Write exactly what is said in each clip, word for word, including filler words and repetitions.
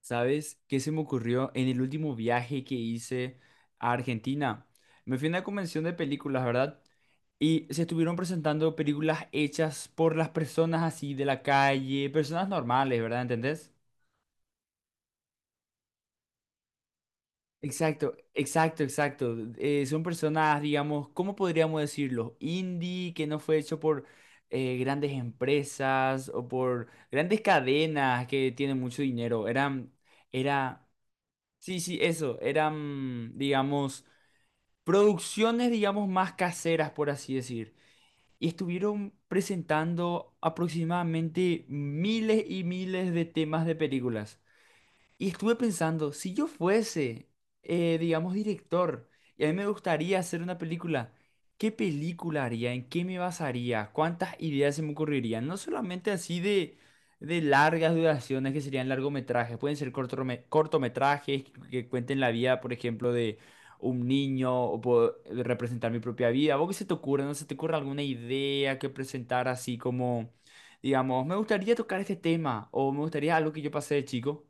¿Sabes qué se me ocurrió en el último viaje que hice a Argentina? Me fui a una convención de películas, ¿verdad? Y se estuvieron presentando películas hechas por las personas así de la calle, personas normales, ¿verdad? ¿Entendés? Exacto, exacto, exacto. Eh, son personas, digamos, ¿cómo podríamos decirlo? Indie, que no fue hecho por eh, grandes empresas o por grandes cadenas que tienen mucho dinero. Eran, era Sí, sí, eso. Eran, digamos, producciones, digamos, más caseras, por así decir. Y estuvieron presentando aproximadamente miles y miles de temas de películas. Y estuve pensando, si yo fuese, eh, digamos, director, y a mí me gustaría hacer una película, ¿qué película haría? ¿En qué me basaría? ¿Cuántas ideas se me ocurrirían? No solamente así de, de largas duraciones que serían largometrajes, pueden ser cortrome- cortometrajes que cuenten la vida, por ejemplo, de un niño o puedo representar mi propia vida. ¿Vos qué se te ocurre? ¿No se te ocurre alguna idea que presentar así como, digamos, me gustaría tocar este tema o me gustaría algo que yo pasé de chico?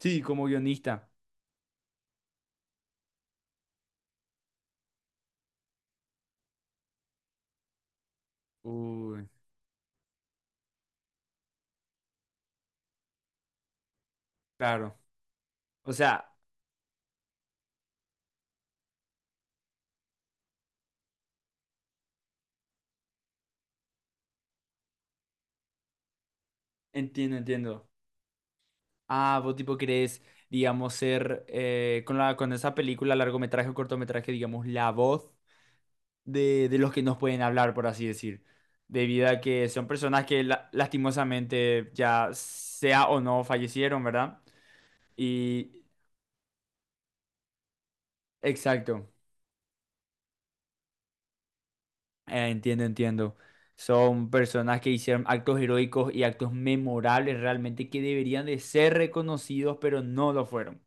Sí, como guionista. Uy, claro. O sea, entiendo, entiendo. Ah, vos tipo querés, digamos, ser eh, con la, con esa película, largometraje o cortometraje, digamos, la voz de, de los que nos pueden hablar, por así decir. Debido a que son personas que la- lastimosamente ya sea o no fallecieron, ¿verdad? Y exacto. Eh, entiendo, entiendo. Son personas que hicieron actos heroicos y actos memorables realmente que deberían de ser reconocidos, pero no lo fueron.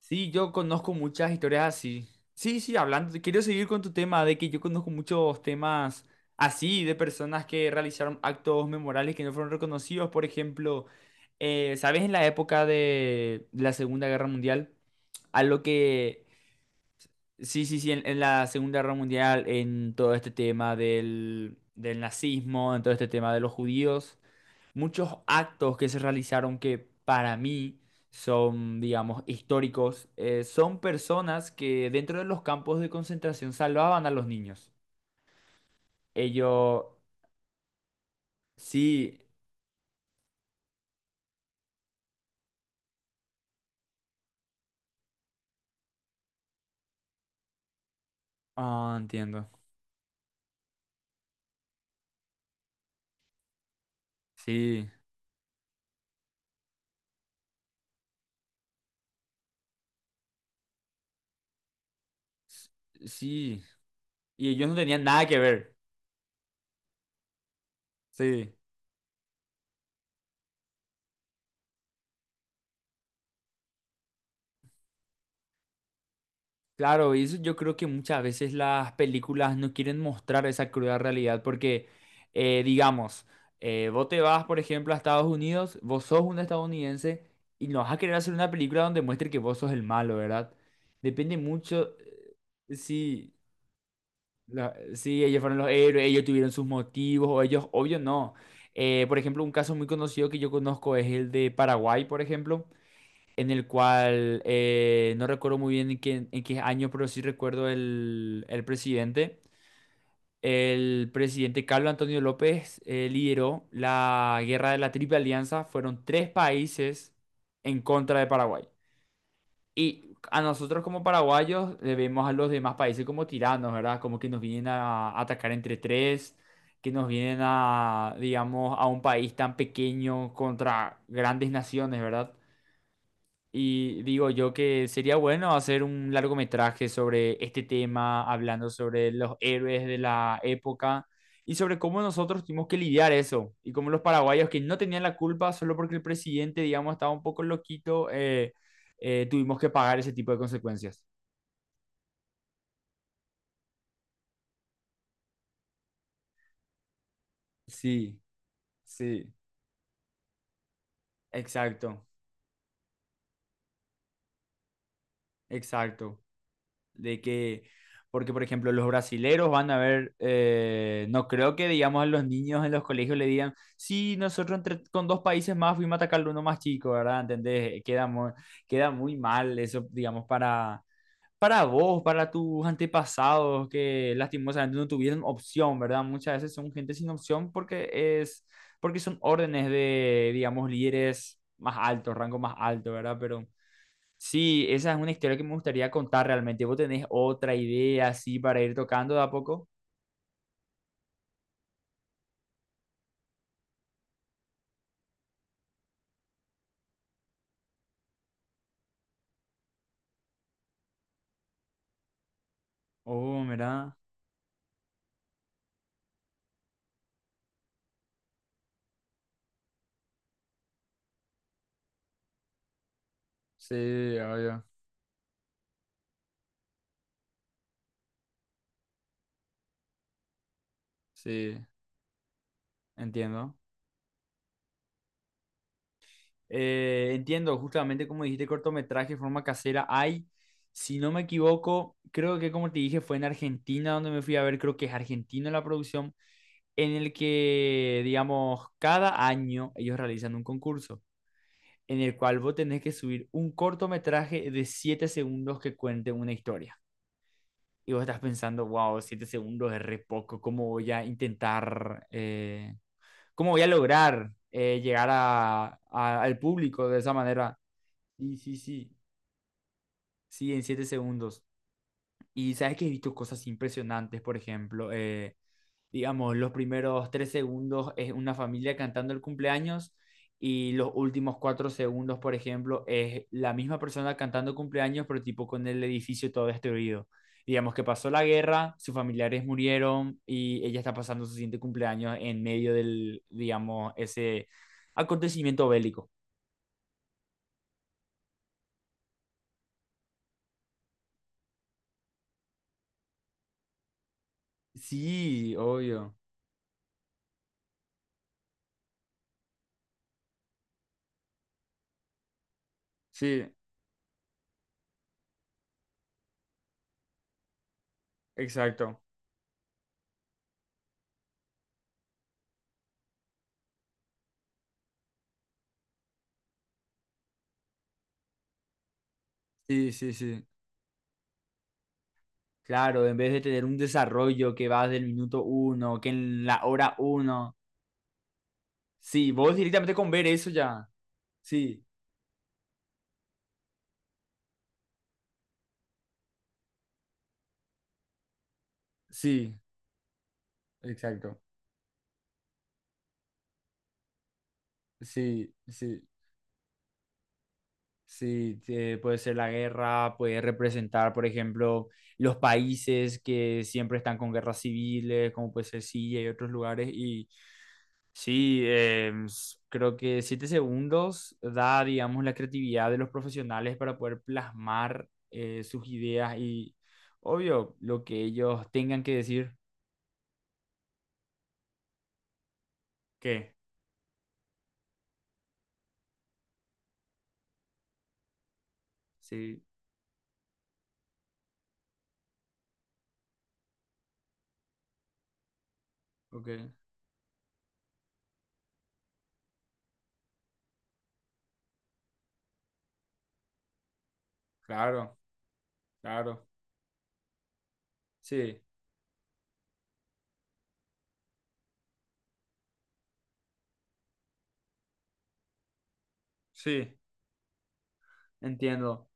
Sí, yo conozco muchas historias así. Sí, sí, hablando, quiero seguir con tu tema de que yo conozco muchos temas así de personas que realizaron actos memorables que no fueron reconocidos. Por ejemplo, eh, ¿sabes? En la época de la Segunda Guerra Mundial, algo que sí, sí, sí, en, en la Segunda Guerra Mundial, en todo este tema del, del nazismo, en todo este tema de los judíos, muchos actos que se realizaron que para mí son, digamos, históricos, eh, son personas que dentro de los campos de concentración salvaban a los niños. Ellos, sí, ah, entiendo, sí, s- sí, y ellos no tenían nada que ver, sí. Claro, y eso yo creo que muchas veces las películas no quieren mostrar esa cruda realidad porque, eh, digamos, eh, vos te vas, por ejemplo, a Estados Unidos, vos sos un estadounidense y no vas a querer hacer una película donde muestre que vos sos el malo, ¿verdad? Depende mucho, eh, si, la- si ellos fueron los héroes, ellos tuvieron sus motivos o ellos, obvio, no. Eh, por ejemplo, un caso muy conocido que yo conozco es el de Paraguay, por ejemplo en el cual eh, no recuerdo muy bien en qué, en qué año, pero sí recuerdo el, el presidente. El presidente Carlos Antonio López eh, lideró la guerra de la Triple Alianza. Fueron tres países en contra de Paraguay. Y a nosotros como paraguayos le vemos a los demás países como tiranos, ¿verdad? Como que nos vienen a atacar entre tres, que nos vienen a, digamos, a un país tan pequeño contra grandes naciones, ¿verdad? Y digo yo que sería bueno hacer un largometraje sobre este tema, hablando sobre los héroes de la época y sobre cómo nosotros tuvimos que lidiar eso y cómo los paraguayos que no tenían la culpa solo porque el presidente, digamos, estaba un poco loquito, eh, eh, tuvimos que pagar ese tipo de consecuencias. Sí, sí. Exacto, exacto. de que, Porque por ejemplo los brasileros van a ver, eh, no creo que digamos a los niños en los colegios le digan, sí, nosotros entre, con dos países más fuimos a atacar uno más chico, ¿verdad? ¿Entendés? Queda muy, queda muy mal eso, digamos, para, para vos, para tus antepasados que lastimosamente no tuvieron opción, ¿verdad? Muchas veces son gente sin opción porque es porque son órdenes de, digamos, líderes más altos, rango más alto, ¿verdad? Pero Sí, esa es una historia que me gustaría contar realmente. ¿Vos tenés otra idea así para ir tocando de a poco? Oh, mira. Sí, obvio. Sí, entiendo. Eh, entiendo, justamente como dijiste, cortometraje, de forma casera. Hay, si no me equivoco, creo que como te dije, fue en Argentina donde me fui a ver, creo que es Argentina la producción, en el que, digamos, cada año ellos realizan un concurso en el cual vos tenés que subir un cortometraje de siete segundos que cuente una historia. Y vos estás pensando, wow, siete segundos es re poco. ¿Cómo voy a intentar, eh, cómo voy a lograr eh, llegar a, a- al público de esa manera? Sí, sí, sí, sí, en siete segundos. Y sabes que he visto cosas impresionantes, por ejemplo, eh, digamos, los primeros tres segundos es una familia cantando el cumpleaños y los últimos cuatro segundos, por ejemplo, es la misma persona cantando cumpleaños, pero tipo con el edificio todo destruido. Digamos que pasó la guerra, sus familiares murieron y ella está pasando su siguiente cumpleaños en medio del, digamos, ese acontecimiento bélico. Sí, obvio. Sí, exacto. Sí, sí, sí. Claro, en vez de tener un desarrollo que va del minuto uno, que en la hora uno. Sí, vos directamente con ver eso ya. Sí, sí, exacto. Sí, sí, sí. eh, puede ser la guerra, puede representar, por ejemplo, los países que siempre están con guerras civiles, como puede ser Siria y otros lugares. y Sí, eh, s- creo que siete segundos da, digamos, la creatividad de los profesionales para poder plasmar eh, sus ideas y, obvio, lo que ellos tengan que decir. ¿Qué? Sí, ok. Claro, claro. Sí, sí, entiendo.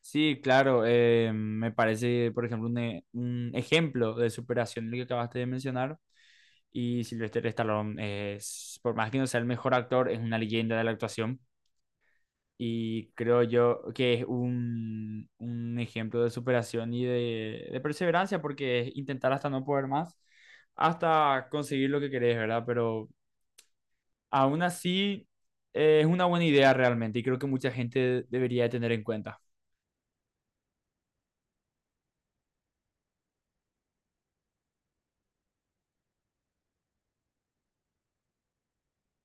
Sí, claro. eh, me parece, por ejemplo, un, e- un ejemplo de superación lo que acabaste de mencionar. Y Sylvester Stallone es, por más que no sea el mejor actor, es una leyenda de la actuación. Y creo yo que es un, un ejemplo de superación y de, de perseverancia, porque es intentar hasta no poder más, hasta conseguir lo que querés, ¿verdad? Pero aún así eh, es una buena idea realmente y creo que mucha gente debería de tener en cuenta.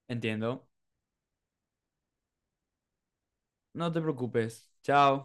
Entiendo. No te preocupes. Chao.